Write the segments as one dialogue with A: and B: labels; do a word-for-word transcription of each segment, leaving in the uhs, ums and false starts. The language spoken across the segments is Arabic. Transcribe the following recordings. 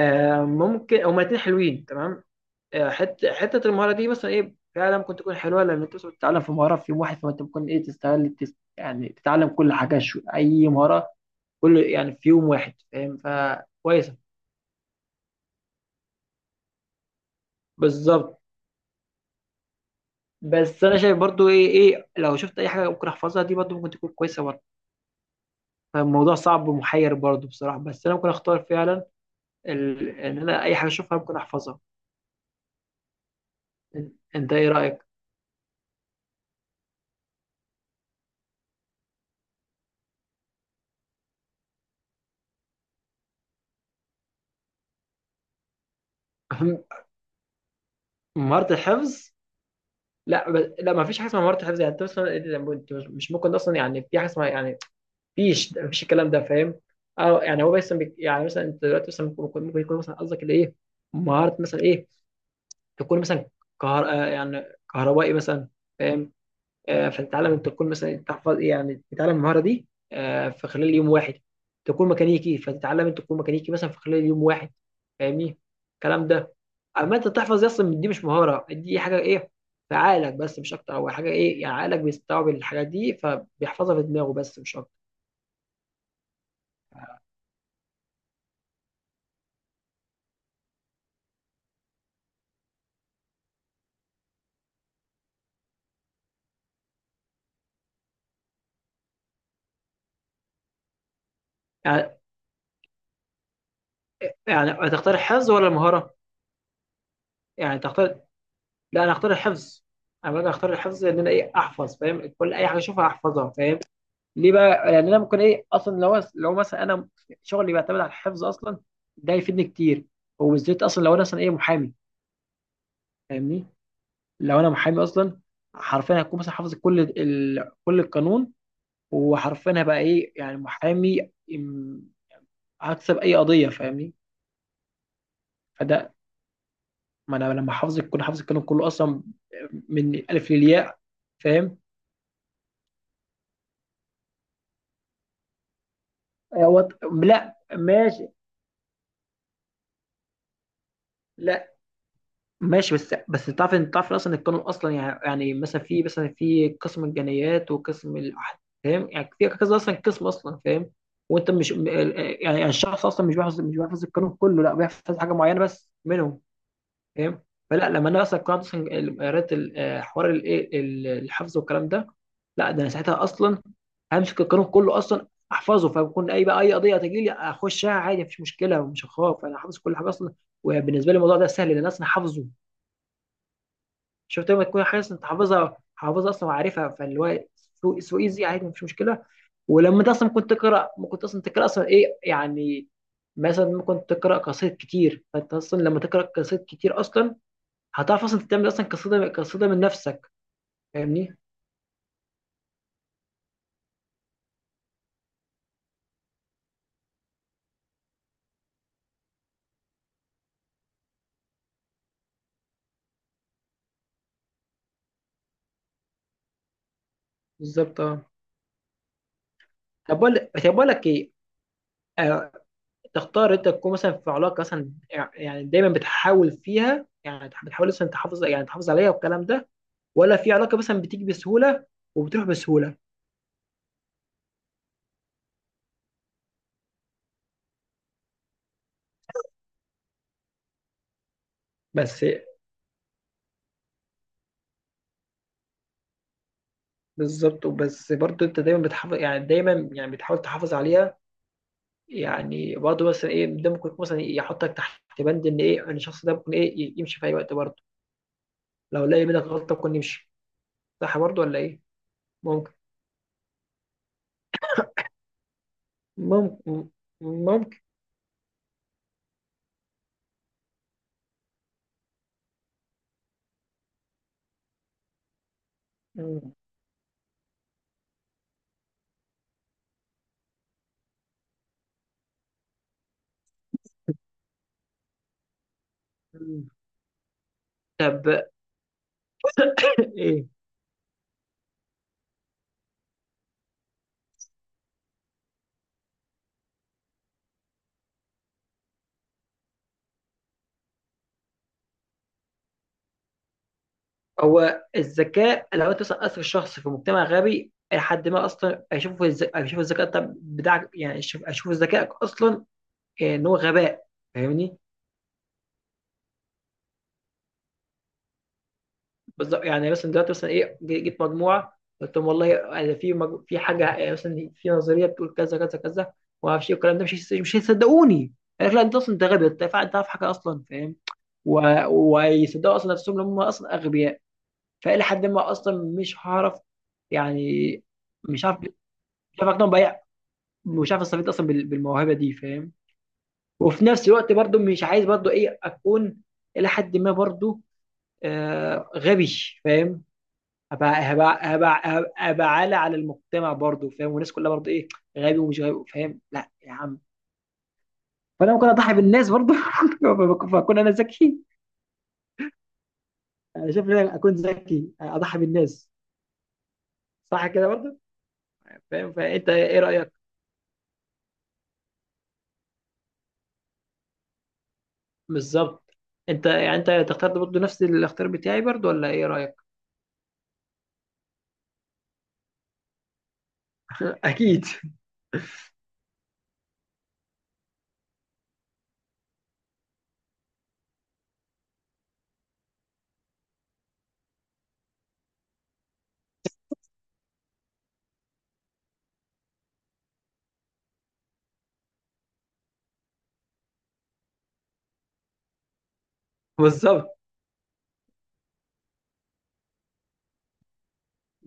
A: آه ممكن هما الاتنين حلوين تمام. آه حت... حته المهاره دي مثلا ايه فعلا ممكن تكون حلوه لان انت مثلا بتتعلم في مهاره في يوم واحد، فانت ممكن ايه تستغل تس... يعني تتعلم كل حاجه شو... اي مهاره كل يعني في يوم واحد، فاهم؟ فكويسه. بالظبط. بس انا شايف برضو ايه ايه لو شفت اي حاجه ممكن احفظها دي برضو ممكن تكون كويسه برضو. فالموضوع صعب ومحير برضو بصراحه، بس انا ممكن اختار فعلا ال... ان انا اي حاجه اشوفها ممكن احفظها. إن- انت ايه رايك؟ مهاره الحفظ؟ لا ب- لا، ما فيش حاجه اسمها مهارة حفظ يعني، انت اصلا انت مش ممكن اصلا يعني في حاجه اسمها يعني فيش مفيش الكلام ده، فاهم؟ اه يعني هو بس بيك- يعني مثلا انت دلوقتي مثلا ممكن ممكن يكون مثلا قصدك اللي ايه مهارة مثلا ايه، تكون مثلا كهر... آه يعني كهربائي مثلا، فاهم؟ آه، فتتعلم انت تكون مثلا تحفظ يعني تتعلم المهاره دي آه، في خلال يوم واحد. تكون ميكانيكي، فتتعلم انت تكون ميكانيكي مثلا في خلال يوم واحد، فاهمني الكلام ده؟ اما انت تحفظ دي اصلا، دي مش مهاره، دي حاجه ايه في عقلك بس مش اكتر، او حاجه ايه يعني عقلك بيستوعب الحاجات دي فبيحفظها في دماغه بس مش اكتر. يعني يعني هتختار الحفظ ولا المهاره؟ يعني تختار؟ لا، انا اختار الحفظ. انا باجي اختار الحفظ ان انا ايه احفظ، فاهم؟ كل اي حاجه اشوفها احفظها، فاهم؟ ليه بقى؟ يعني انا ممكن ايه اصلا لو لو مثلا انا شغلي بيعتمد على الحفظ اصلا، ده يفيدني كتير. وبالذات اصلا لو انا مثلا ايه محامي، فاهمني؟ لو انا محامي اصلا حرفيا هكون مثلا حافظ كل ال... كل القانون، وحرفيا هبقى ايه يعني محامي ام- هكسب اي قضيه، فاهمني؟ فده، ما انا لما حافظ كل حافظ القانون كله اصلا من الالف للياء، فاهم؟ آه، وط... لا ماشي. لا ماشي، بس بس تعرف، انت تعرف إن اصلا القانون اصلا يعني يعني مثلا في مثلا في قسم الجنايات وقسم الاحداث، فاهم؟ يعني في كذا اصلا قسم اصلا، فاهم؟ وانت مش م- ال- يعني يعني الشخص اصلا مش بيحفظ، مش بيحفظ القانون كله، لا بيحفظ حاجه معينه بس منهم، فاهم؟ فلا، لما انا اصلا قرات اصلا ال- قريت ال- آه، حوار الايه ال- الحفظ والكلام ده، لا ده انا ساعتها اصلا همسك القانون كله اصلا احفظه، فبكون اي بقى اي قضيه تجي لي اخشها عادي، مفيش مشكله. ومش هخاف، انا حافظ كل حاجه اصلا. وبالنسبه لي الموضوع ده سهل لان انا اصلا حافظه. شفت؟ لما تكون حاسس انت حافظها، حافظها اصلا وعارفها، فاللي هو سو سو ايزي، عادي مفيش مشكله. ولما انت اصلا كنت تقرا، ممكن اصلا تقرا اصلا ايه يعني مثلا ممكن تقرا قصائد كتير، فانت اصلا لما تقرا قصائد كتير اصلا هتعرف اصلا تعمل اصلا قصيده قصيده من نفسك، فاهمني؟ بالظبط اه. طب بقول، طب بقول لك ايه، آه، تختار انت تكون مثلا في علاقه مثلا يعني دايما بتحاول فيها، يعني بتحاول مثلا تحافظ يعني تحافظ عليها والكلام ده، ولا في علاقه مثلا بتيجي بسهوله وبتروح بسهوله؟ بس بالظبط. وبس برضه انت دايما بتحافظ يعني دايما يعني بتحاول تحافظ عليها. يعني برضه مثلا ايه ده ممكن يكون مثلا يحطك تحت بند ان ايه ان الشخص ده ممكن ايه ي- يمشي في اي وقت برضه، لو لقى منك غلطه ممكن يمشي. صح برضه ولا ايه؟ ممكن، ممكن، ممكن. مم. مم. طب. ايه؟ هو الذكاء لو انت مثلا اثر الشخص في مجتمع غبي، أي حد ما اصلا اشوفه اشوف الذكاء طب بتاعك، يعني اشوف اشوف ذكائك اصلا ان هو غباء، فاهمني؟ بالظبط. يعني مثلا دلوقتي مثلا ايه جي- جيت مجموعه قلت لهم والله يعني في مج... في حاجه يعني مثلا في نظريه بتقول كذا كذا كذا وما اعرفش ايه والكلام ده، مش هيص- مش هيصدقوني. قال لك لا، انت اصلا انت غبي، انت فا- انت عارف حاجه اصلا، فاهم؟ و... ويصدقوا اصلا نفسهم ان هم اصلا اغبياء. فالى حد ما اصلا مش هعرف يعني، مش عارف، مش عارف اقنعهم باي، مش عارف استفيد اصلا بال... بالموهبه دي، فاهم؟ وفي نفس الوقت برضو مش عايز برضو ايه اكون الى حد ما برضو آه غبي، فاهم؟ هبقى هبقى هبقى هبقى هبقى عالة على المجتمع برضه، فاهم؟ والناس كلها برضه ايه غبي ومش غبي، فاهم؟ لا يا عم. فانا ممكن اضحي بالناس برضه فاكون انا ذكي. انا شايف ان انا اكون ذكي اضحي بالناس، صح كده برضه فاهم؟ فانت ايه رايك؟ بالظبط. انت يعني انت تختار برضه نفس الاختيار بتاعي برضه ولا ايه رايك؟ اكيد بالظبط.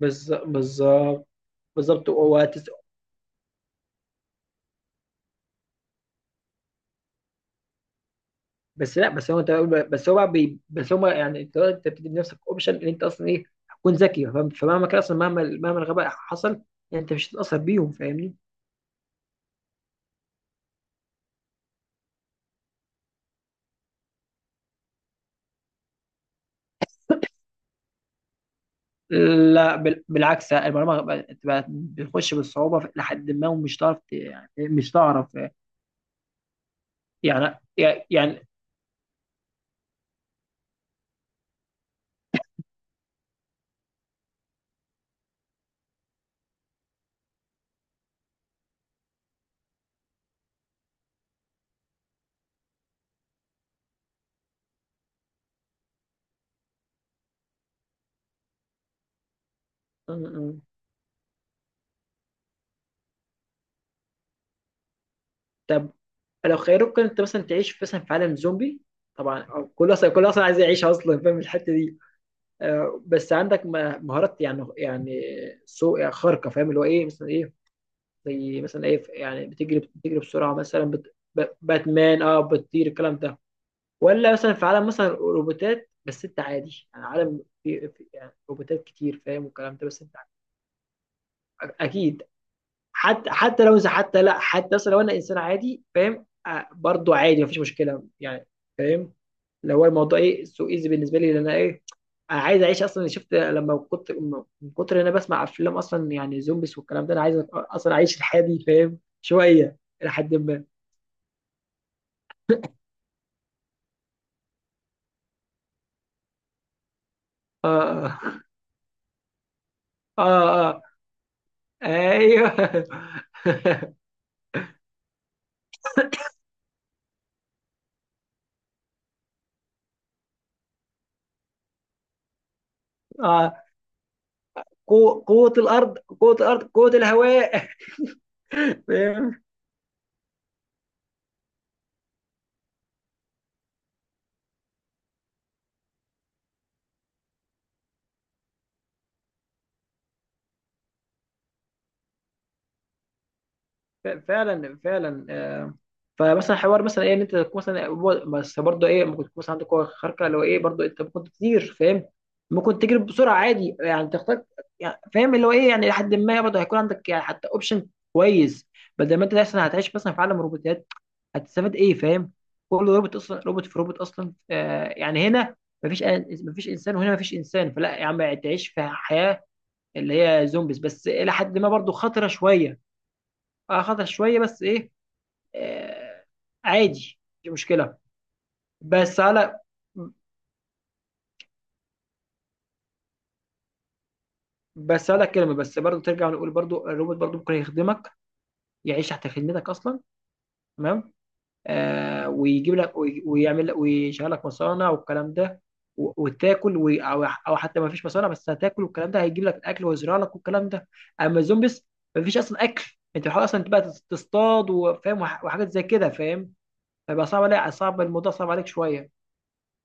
A: بالظ- بالظبط. بالظبط. وهتس- بس لا بس هو انت بس هو بقى بي بس هم يعني انت انت بتدي لنفسك اوبشن ان انت اصلا ايه هتكون ذكي، فاهم؟ فمهما كان اصلا، مهما مهما الغباء حصل يعني، انت مش هتتاثر بيهم، فاهمني؟ لا بال- بالعكس، المعلومه بقى- بقى بتخش بالصعوبه في- لحد ما، ومش تعرف ت- يعني مش تعرف يعني. يعني يعني م- م. طب، لو خيروك انت مثلا تعيش مثلا في عالم زومبي، طبعا أو كل اصلا كل اصلا عايز يعيش اصلا فاهم الحته دي، آه، بس عندك م- مهارات يعني يعني سوء خارقه، فاهم؟ اللي هو ايه مثلا ايه زي مثلا ايه يعني بتجري، بتجري بسرعه مثلا، بت... ب- باتمان اه بتطير الكلام ده، ولا مثلا في عالم مثلا روبوتات، بس انت عادي يعني عالم في... في يعني روبوتات كتير، فاهم؟ والكلام ده بس انت اكيد. حتى حتى لو إذا حتى لا حتى اصلا لو انا انسان عادي، فاهم؟ آه، برضو عادي مفيش مشكله يعني، فاهم؟ لو هو الموضوع ايه سو ايزي بالنسبه لي، لان انا ايه انا عايز اعيش اصلا. شفت؟ لما كنت من كتر ان انا بسمع افلام اصلا يعني زومبيس والكلام ده، انا عايز اصلا اعيش الحياه دي فاهم شويه الى حد ما. اه، اه اه, آه. ايوه. آه. قوة، قوة الأرض، قوة الأرض، قوة الهواء. فاهم. ف- فعلا، فعلا. آه، فمثلا حوار مثلا ايه ان انت تكون مثلا هو- بس برضه ايه ممكن تكون مثلا عندك قوه خارقه لو ايه، برضه انت ممكن تطير فاهم، ممكن تجري بسرعه، عادي يعني تختار يعني، فاهم؟ اللي هو ايه يعني لحد ما برضه هيكون عندك يعني حتى اوبشن كويس. بدل ما انت مثلا هتعيش مثلا في عالم روبوتات هتستفاد ايه، فاهم؟ كل روبوت اصلا، روبوت في روبوت اصلا، آه يعني هنا مفيش أن- مفيش انسان، وهنا مفيش انسان. فلا يا عم، تعيش في حياه اللي هي زومبيز، بس الى حد ما برضه خطره شويه. اه، خطر شويه بس ايه، آه، عادي، مش مشكله. بس على بس على كلمه، بس برضو ترجع نقول برضو الروبوت برضو ممكن يخدمك، يعيش تحت خدمتك اصلا، تمام؟ آه، ويجيب لك وي- ويعمل لك ويشغل لك مصانع والكلام ده، و- وتاكل وي- او او حتى ما فيش مصانع، بس هتاكل والكلام ده هيجيب لك الاكل ويزرع لك والكلام ده. اما الزومبيس ما فيش اصلا اكل، انت بتحاول اصلا تبقى تصطاد وفاهم وح- وحاجات زي كده، فاهم؟ فبقى صعب عليك، صعب الموضوع، صعب عليك شويه.